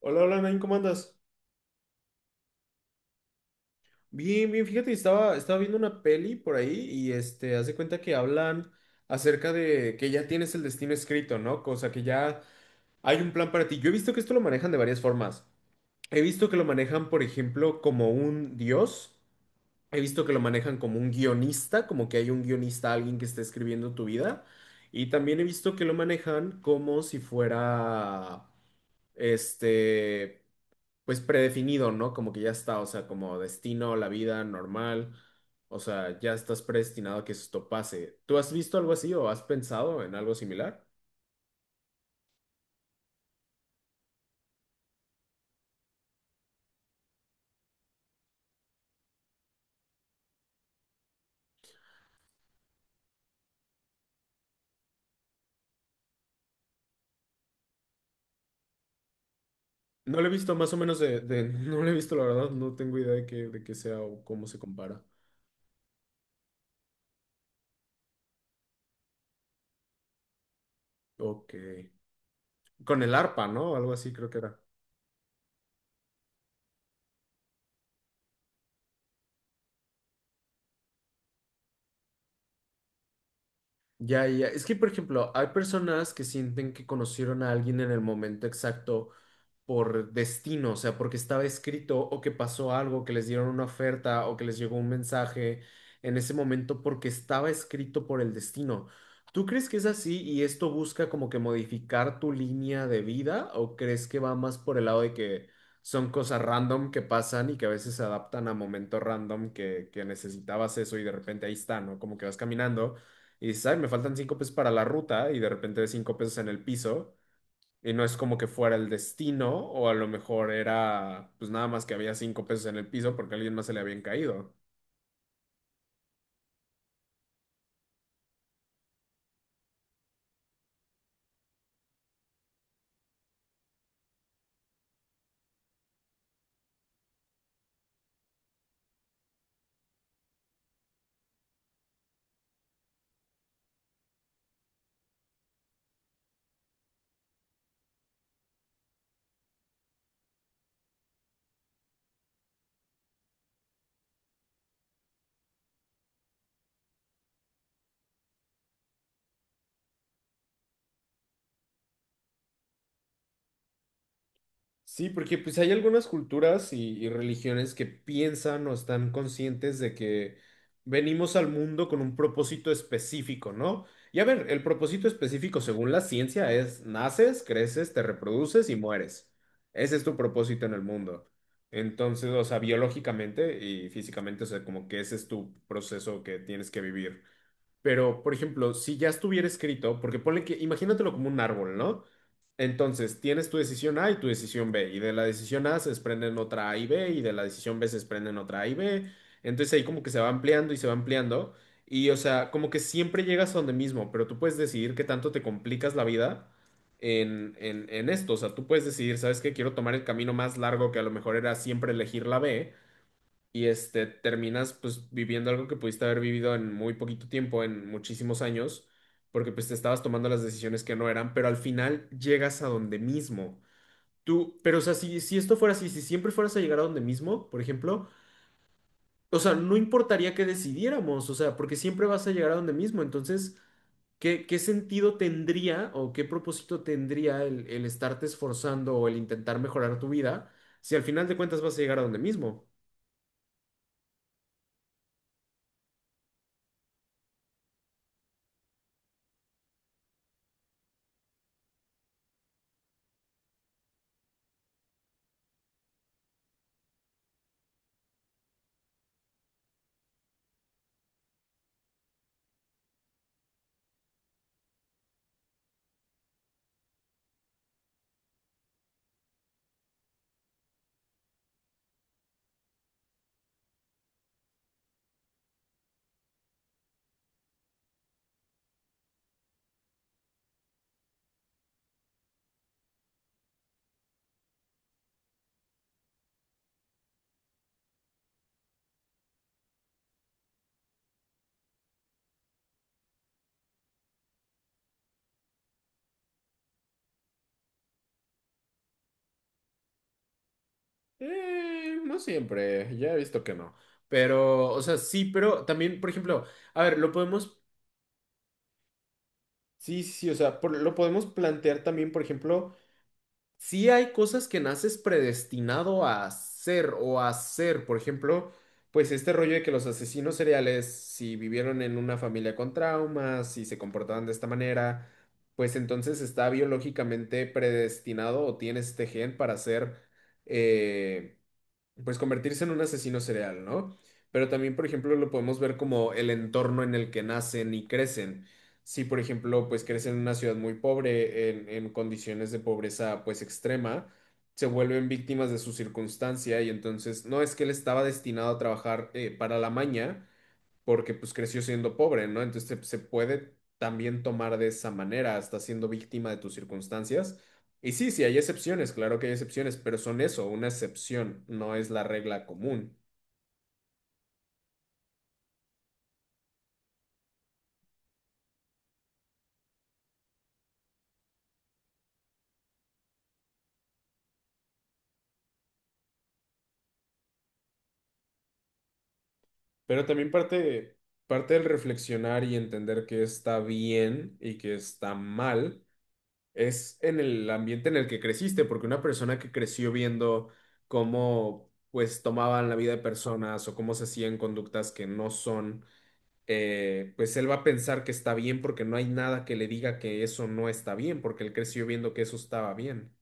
Hola, hola, Nain, ¿cómo andas? Bien, bien, fíjate, estaba viendo una peli por ahí y haz de cuenta que hablan acerca de que ya tienes el destino escrito, ¿no? Cosa que ya hay un plan para ti. Yo he visto que esto lo manejan de varias formas. He visto que lo manejan, por ejemplo, como un dios. He visto que lo manejan como un guionista, como que hay un guionista, alguien que está escribiendo tu vida. Y también he visto que lo manejan como si fuera, este, pues predefinido, ¿no? Como que ya está, o sea, como destino, la vida normal, o sea, ya estás predestinado a que esto pase. ¿Tú has visto algo así o has pensado en algo similar? No lo he visto más o menos no lo he visto, la verdad, no tengo idea de qué sea o cómo se compara. Ok. Con el arpa, ¿no? Algo así creo que era. Ya, ya. Es que, por ejemplo, hay personas que sienten que conocieron a alguien en el momento exacto por destino, o sea, porque estaba escrito o que pasó algo, que les dieron una oferta o que les llegó un mensaje en ese momento porque estaba escrito por el destino. ¿Tú crees que es así y esto busca como que modificar tu línea de vida o crees que va más por el lado de que son cosas random que pasan y que a veces se adaptan a momentos random que necesitabas eso y de repente ahí está, ¿no? Como que vas caminando y dices, ay, me faltan cinco pesos para la ruta y de repente ves cinco pesos en el piso y no es como que fuera el destino, o a lo mejor era pues nada más que había cinco pesos en el piso porque a alguien más se le habían caído. Sí, porque pues hay algunas culturas y religiones que piensan o están conscientes de que venimos al mundo con un propósito específico, ¿no? Y a ver, el propósito específico según la ciencia es naces, creces, te reproduces y mueres. Ese es tu propósito en el mundo. Entonces, o sea, biológicamente y físicamente, o sea, como que ese es tu proceso que tienes que vivir. Pero, por ejemplo, si ya estuviera escrito, porque ponle que, imagínatelo como un árbol, ¿no? Entonces, tienes tu decisión A y tu decisión B, y de la decisión A se desprenden otra A y B, y de la decisión B se desprenden otra A y B. Entonces ahí como que se va ampliando y se va ampliando, y o sea, como que siempre llegas a donde mismo, pero tú puedes decidir qué tanto te complicas la vida en esto. O sea, tú puedes decidir, ¿sabes qué? Quiero tomar el camino más largo que a lo mejor era siempre elegir la B y terminas pues viviendo algo que pudiste haber vivido en muy poquito tiempo, en muchísimos años, porque pues te estabas tomando las decisiones que no eran, pero al final llegas a donde mismo. Tú, pero o sea, si esto fuera así, si siempre fueras a llegar a donde mismo, por ejemplo, o sea, no importaría que decidiéramos, o sea, porque siempre vas a llegar a donde mismo, entonces, ¿ qué sentido tendría o qué propósito tendría el estarte esforzando o el intentar mejorar tu vida si al final de cuentas vas a llegar a donde mismo? No siempre, ya he visto que no. Pero, o sea, sí, pero también, por ejemplo, a ver, lo podemos, sí, sí, sí, o sea, por- lo podemos plantear también, por ejemplo, sí hay cosas que naces predestinado a hacer o a hacer, por ejemplo, pues este rollo de que los asesinos seriales, si vivieron en una familia con traumas, si se comportaban de esta manera, pues entonces está biológicamente predestinado o tienes este gen para ser... eh, pues convertirse en un asesino serial, ¿no? Pero también, por ejemplo, lo podemos ver como el entorno en el que nacen y crecen. Si, por ejemplo, pues crecen en una ciudad muy pobre, en condiciones de pobreza pues extrema, se vuelven víctimas de su circunstancia y entonces no es que él estaba destinado a trabajar para la maña, porque pues creció siendo pobre, ¿no? Entonces se puede también tomar de esa manera, hasta siendo víctima de tus circunstancias. Y sí, sí, hay excepciones, claro que hay excepciones, pero son eso, una excepción, no es la regla común. Pero también parte, parte del reflexionar y entender que está bien y que está mal es en el ambiente en el que creciste, porque una persona que creció viendo cómo pues tomaban la vida de personas o cómo se hacían conductas que no son pues él va a pensar que está bien porque no hay nada que le diga que eso no está bien, porque él creció viendo que eso estaba bien.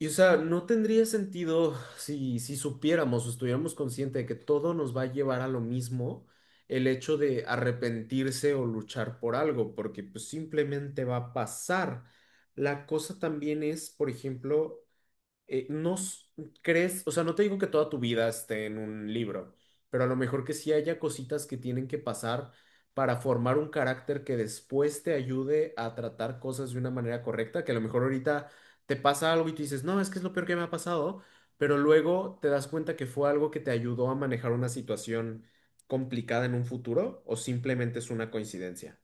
Y o sea, no tendría sentido si, si supiéramos o estuviéramos conscientes de que todo nos va a llevar a lo mismo, el hecho de arrepentirse o luchar por algo, porque pues simplemente va a pasar. La cosa también es, por ejemplo, no s- crees, o sea, no te digo que toda tu vida esté en un libro, pero a lo mejor que sí haya cositas que tienen que pasar para formar un carácter que después te ayude a tratar cosas de una manera correcta, que a lo mejor ahorita te pasa algo y tú dices, no, es que es lo peor que me ha pasado, pero luego te das cuenta que fue algo que te ayudó a manejar una situación complicada en un futuro o simplemente es una coincidencia.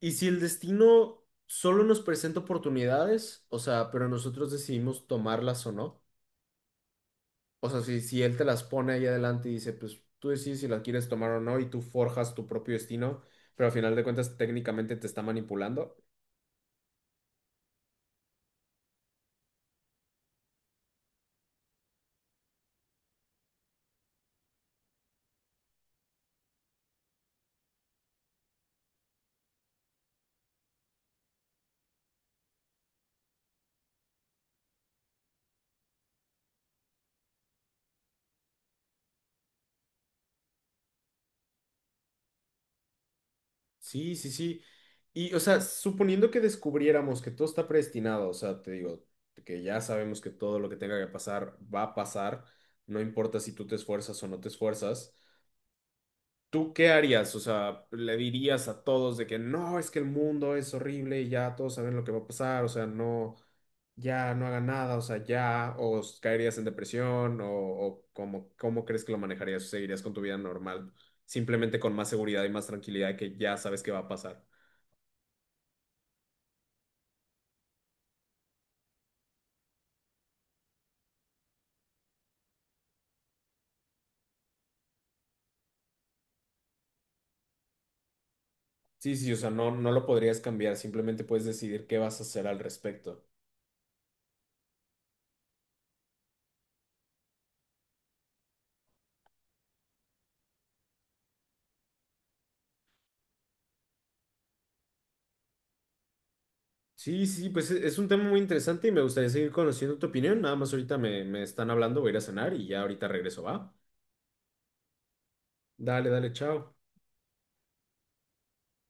Y si el destino solo nos presenta oportunidades, o sea, pero nosotros decidimos tomarlas o no. O sea, si, si él te las pone ahí adelante y dice, pues tú decides si las quieres tomar o no y tú forjas tu propio destino, pero al final de cuentas técnicamente te está manipulando. Sí, sí, sí. Y, o sea, suponiendo que descubriéramos que todo está predestinado, o sea, te digo, que ya sabemos que todo lo que tenga que pasar va a pasar, no importa si tú te esfuerzas o no te esfuerzas. ¿Tú qué harías? O sea, le dirías a todos de que no, es que el mundo es horrible y ya todos saben lo que va a pasar, o sea, no, ya no hagan nada, o sea, ya, o s- caerías en depresión, o cómo, cómo crees que lo manejarías, seguirías con tu vida normal, simplemente con más seguridad y más tranquilidad que ya sabes qué va a pasar. Sí, sí, o sea, no, no lo podrías cambiar, simplemente puedes decidir qué vas a hacer al respecto. Sí, sí, pues e- es un tema muy interesante y me gustaría seguir conociendo tu opinión. Nada más ahorita me están hablando, voy a ir a cenar y ya ahorita regreso, ¿va? Dale, dale, chao.